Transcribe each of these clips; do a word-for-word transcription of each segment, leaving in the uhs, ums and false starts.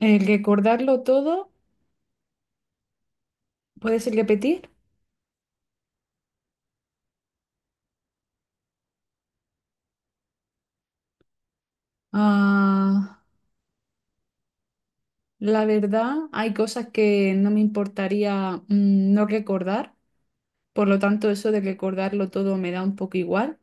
El recordarlo todo, ¿puedes repetir? Ah, la verdad, hay cosas que no me importaría mm, no recordar, por lo tanto eso de recordarlo todo me da un poco igual.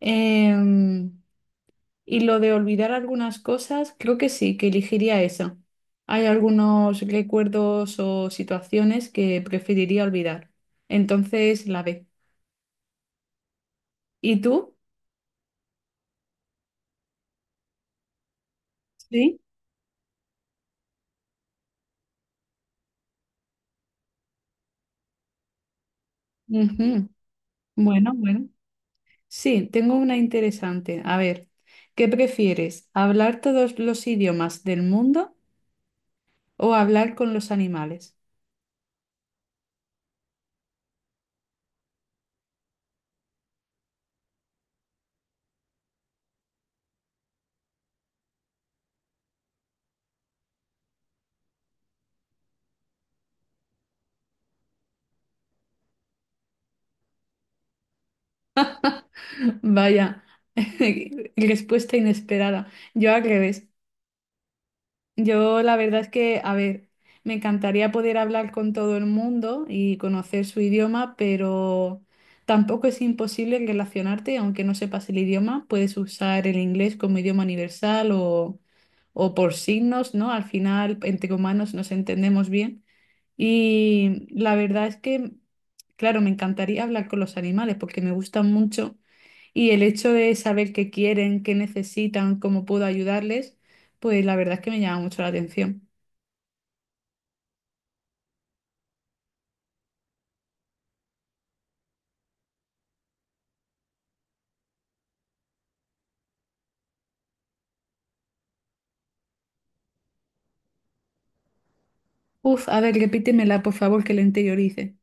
Em, y lo de olvidar algunas cosas, creo que sí, que elegiría eso. Hay algunos recuerdos o situaciones que preferiría olvidar. Entonces, la B. ¿Y tú? Sí. Ujú. Bueno, bueno. Sí, tengo una interesante. A ver, ¿qué prefieres? ¿Hablar todos los idiomas del mundo o hablar con los animales? Vaya, respuesta inesperada. Yo al revés. Yo la verdad es que, a ver, me encantaría poder hablar con todo el mundo y conocer su idioma, pero tampoco es imposible relacionarte, aunque no sepas el idioma, puedes usar el inglés como idioma universal o... o por signos, ¿no? Al final, entre humanos nos entendemos bien. Y la verdad es que, claro, me encantaría hablar con los animales porque me gustan mucho y el hecho de saber qué quieren, qué necesitan, cómo puedo ayudarles, pues la verdad es que me llama mucho la atención. Uf, a ver, repítemela, por favor, que la interiorice.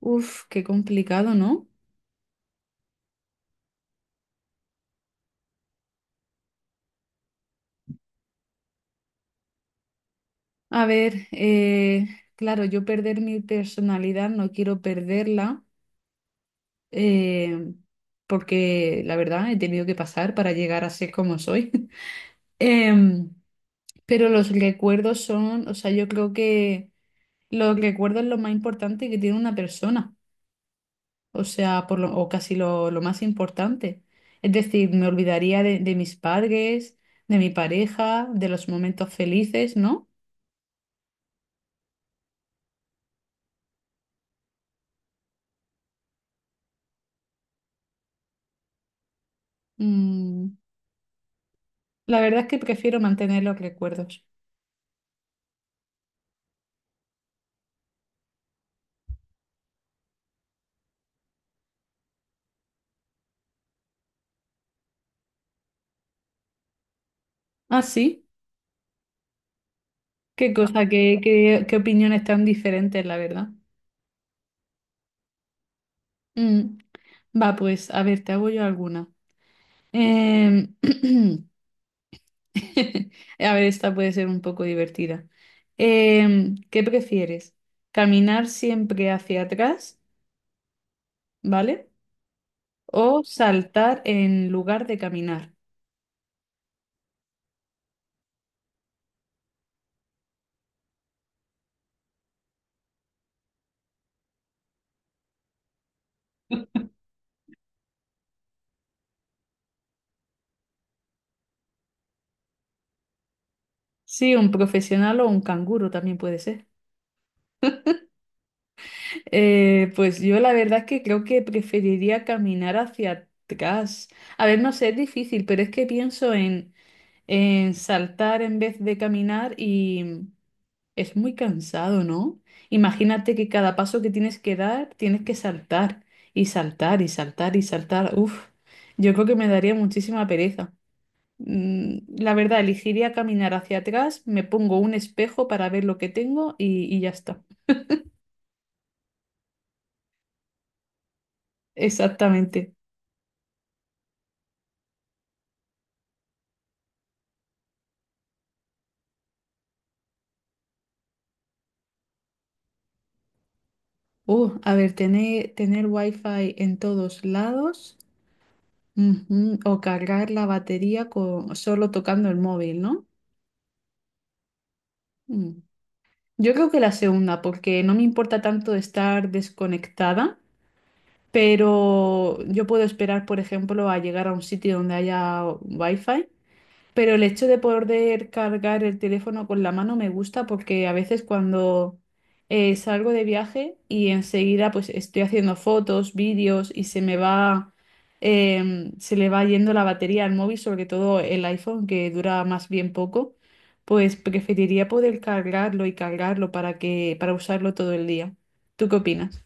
Uf, qué complicado, ¿no? A ver, eh, claro, yo perder mi personalidad, no quiero perderla. eh, porque la verdad he tenido que pasar para llegar a ser como soy. Em, pero los recuerdos son, o sea, yo creo que los recuerdos es lo más importante que tiene una persona, o sea, por lo, o casi lo, lo más importante. Es decir, me olvidaría de, de mis padres, de mi pareja, de los momentos felices, ¿no? Mm, la verdad es que prefiero mantener los recuerdos. Ah, sí, qué cosa, qué, qué, qué opiniones tan diferentes, la verdad. Mm. Va, pues, a ver, te hago yo alguna. Em, a ver, esta puede ser un poco divertida. Em, ¿qué prefieres? ¿Caminar siempre hacia atrás, ¿vale? ¿O saltar en lugar de caminar? Sí, un profesional o un canguro también puede ser. Eh, pues yo la verdad es que creo que preferiría caminar hacia atrás. A ver, no sé, es difícil, pero es que pienso en, en saltar en vez de caminar y... Es muy cansado, ¿no? Imagínate que cada paso que tienes que dar, tienes que saltar y saltar y saltar y saltar. Uf, yo creo que me daría muchísima pereza. Mm, La verdad, elegiría caminar hacia atrás, me pongo un espejo para ver lo que tengo y, y ya está. Exactamente. Uh, a ver, tener, tener wifi en todos lados, ujú, o cargar la batería con, solo tocando el móvil, ¿no? Mm. Yo creo que la segunda, porque no me importa tanto estar desconectada, pero yo puedo esperar, por ejemplo, a llegar a un sitio donde haya wifi pero el hecho de poder cargar el teléfono con la mano me gusta porque a veces cuando eh, salgo de viaje y enseguida pues estoy haciendo fotos, vídeos y se me va, em, se le va yendo la batería al móvil, sobre todo el iPhone que dura más bien poco, pues preferiría poder cargarlo y cargarlo para que, para usarlo todo el día. ¿Tú qué opinas?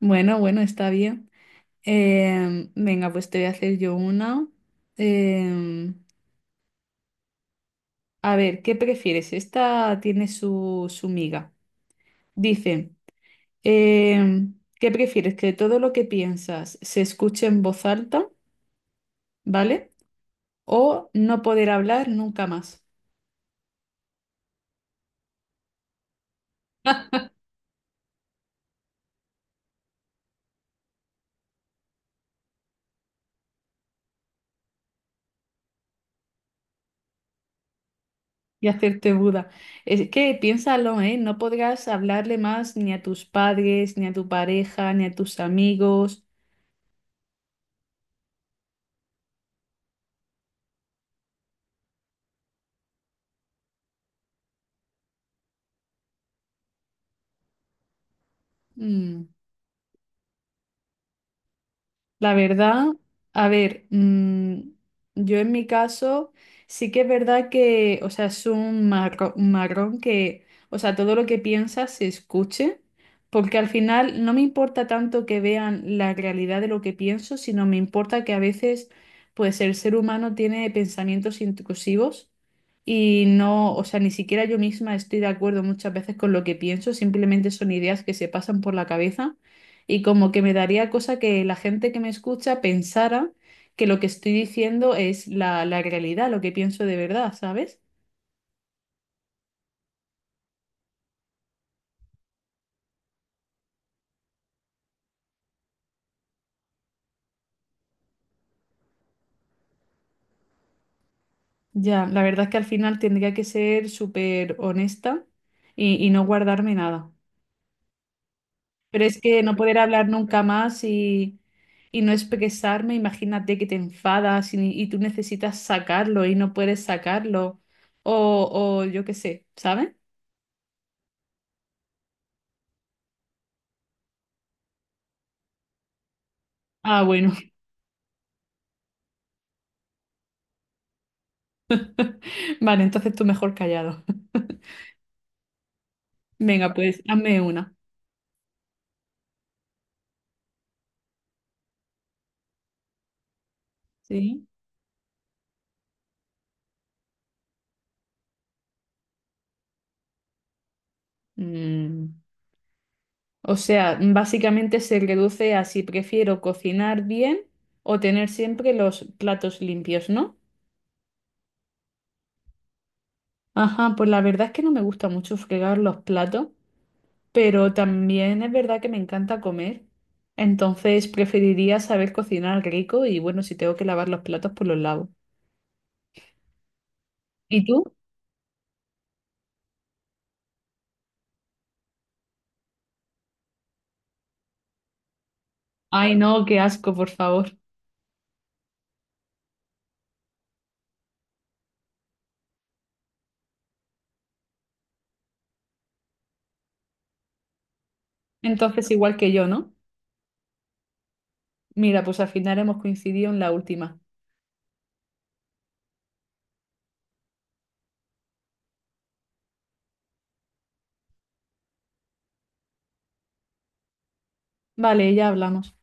Bueno, bueno, está bien. Em, venga, pues te voy a hacer yo una. Em, A ver, ¿qué prefieres? Esta tiene su, su miga. Dice, em, ¿qué prefieres? ¿Que todo lo que piensas se escuche en voz alta, ¿vale? ¿O no poder hablar nunca más y hacerte Buda? Es que piénsalo, ¿eh? No podrás hablarle más ni a tus padres, ni a tu pareja, ni a tus amigos. Mm, La verdad, a ver, mm, yo en mi caso sí que es verdad que, o sea, es un marro- un marrón, que, o sea, todo lo que piensas se escuche, porque al final no me importa tanto que vean la realidad de lo que pienso, sino me importa que a veces, pues, el ser humano tiene pensamientos intrusivos y no, o sea, ni siquiera yo misma estoy de acuerdo muchas veces con lo que pienso, simplemente son ideas que se pasan por la cabeza. Y como que me daría cosa que la gente que me escucha pensara que lo que estoy diciendo es la, la realidad, lo que pienso de verdad, ¿sabes? Ya, la verdad es que al final tendría que ser súper honesta y, y no guardarme nada. Pero es que no poder hablar nunca más y, y no expresarme, imagínate que te enfadas y, y tú necesitas sacarlo y no puedes sacarlo. O, o yo qué sé, ¿sabes? Ah, bueno. Vale, entonces tú mejor callado. Venga, pues hazme una. Sí. Mm, O sea, básicamente se reduce a si prefiero cocinar bien o tener siempre los platos limpios, ¿no? Ajá, pues la verdad es que no me gusta mucho fregar los platos, pero también es verdad que me encanta comer. Entonces preferiría saber cocinar rico y bueno, si tengo que lavar los platos, pues los lavo. ¿Y tú? Ay, no, qué asco, por favor. Entonces igual que yo, ¿no? Mira, pues al final hemos coincidido en la última. Vale, ya hablamos.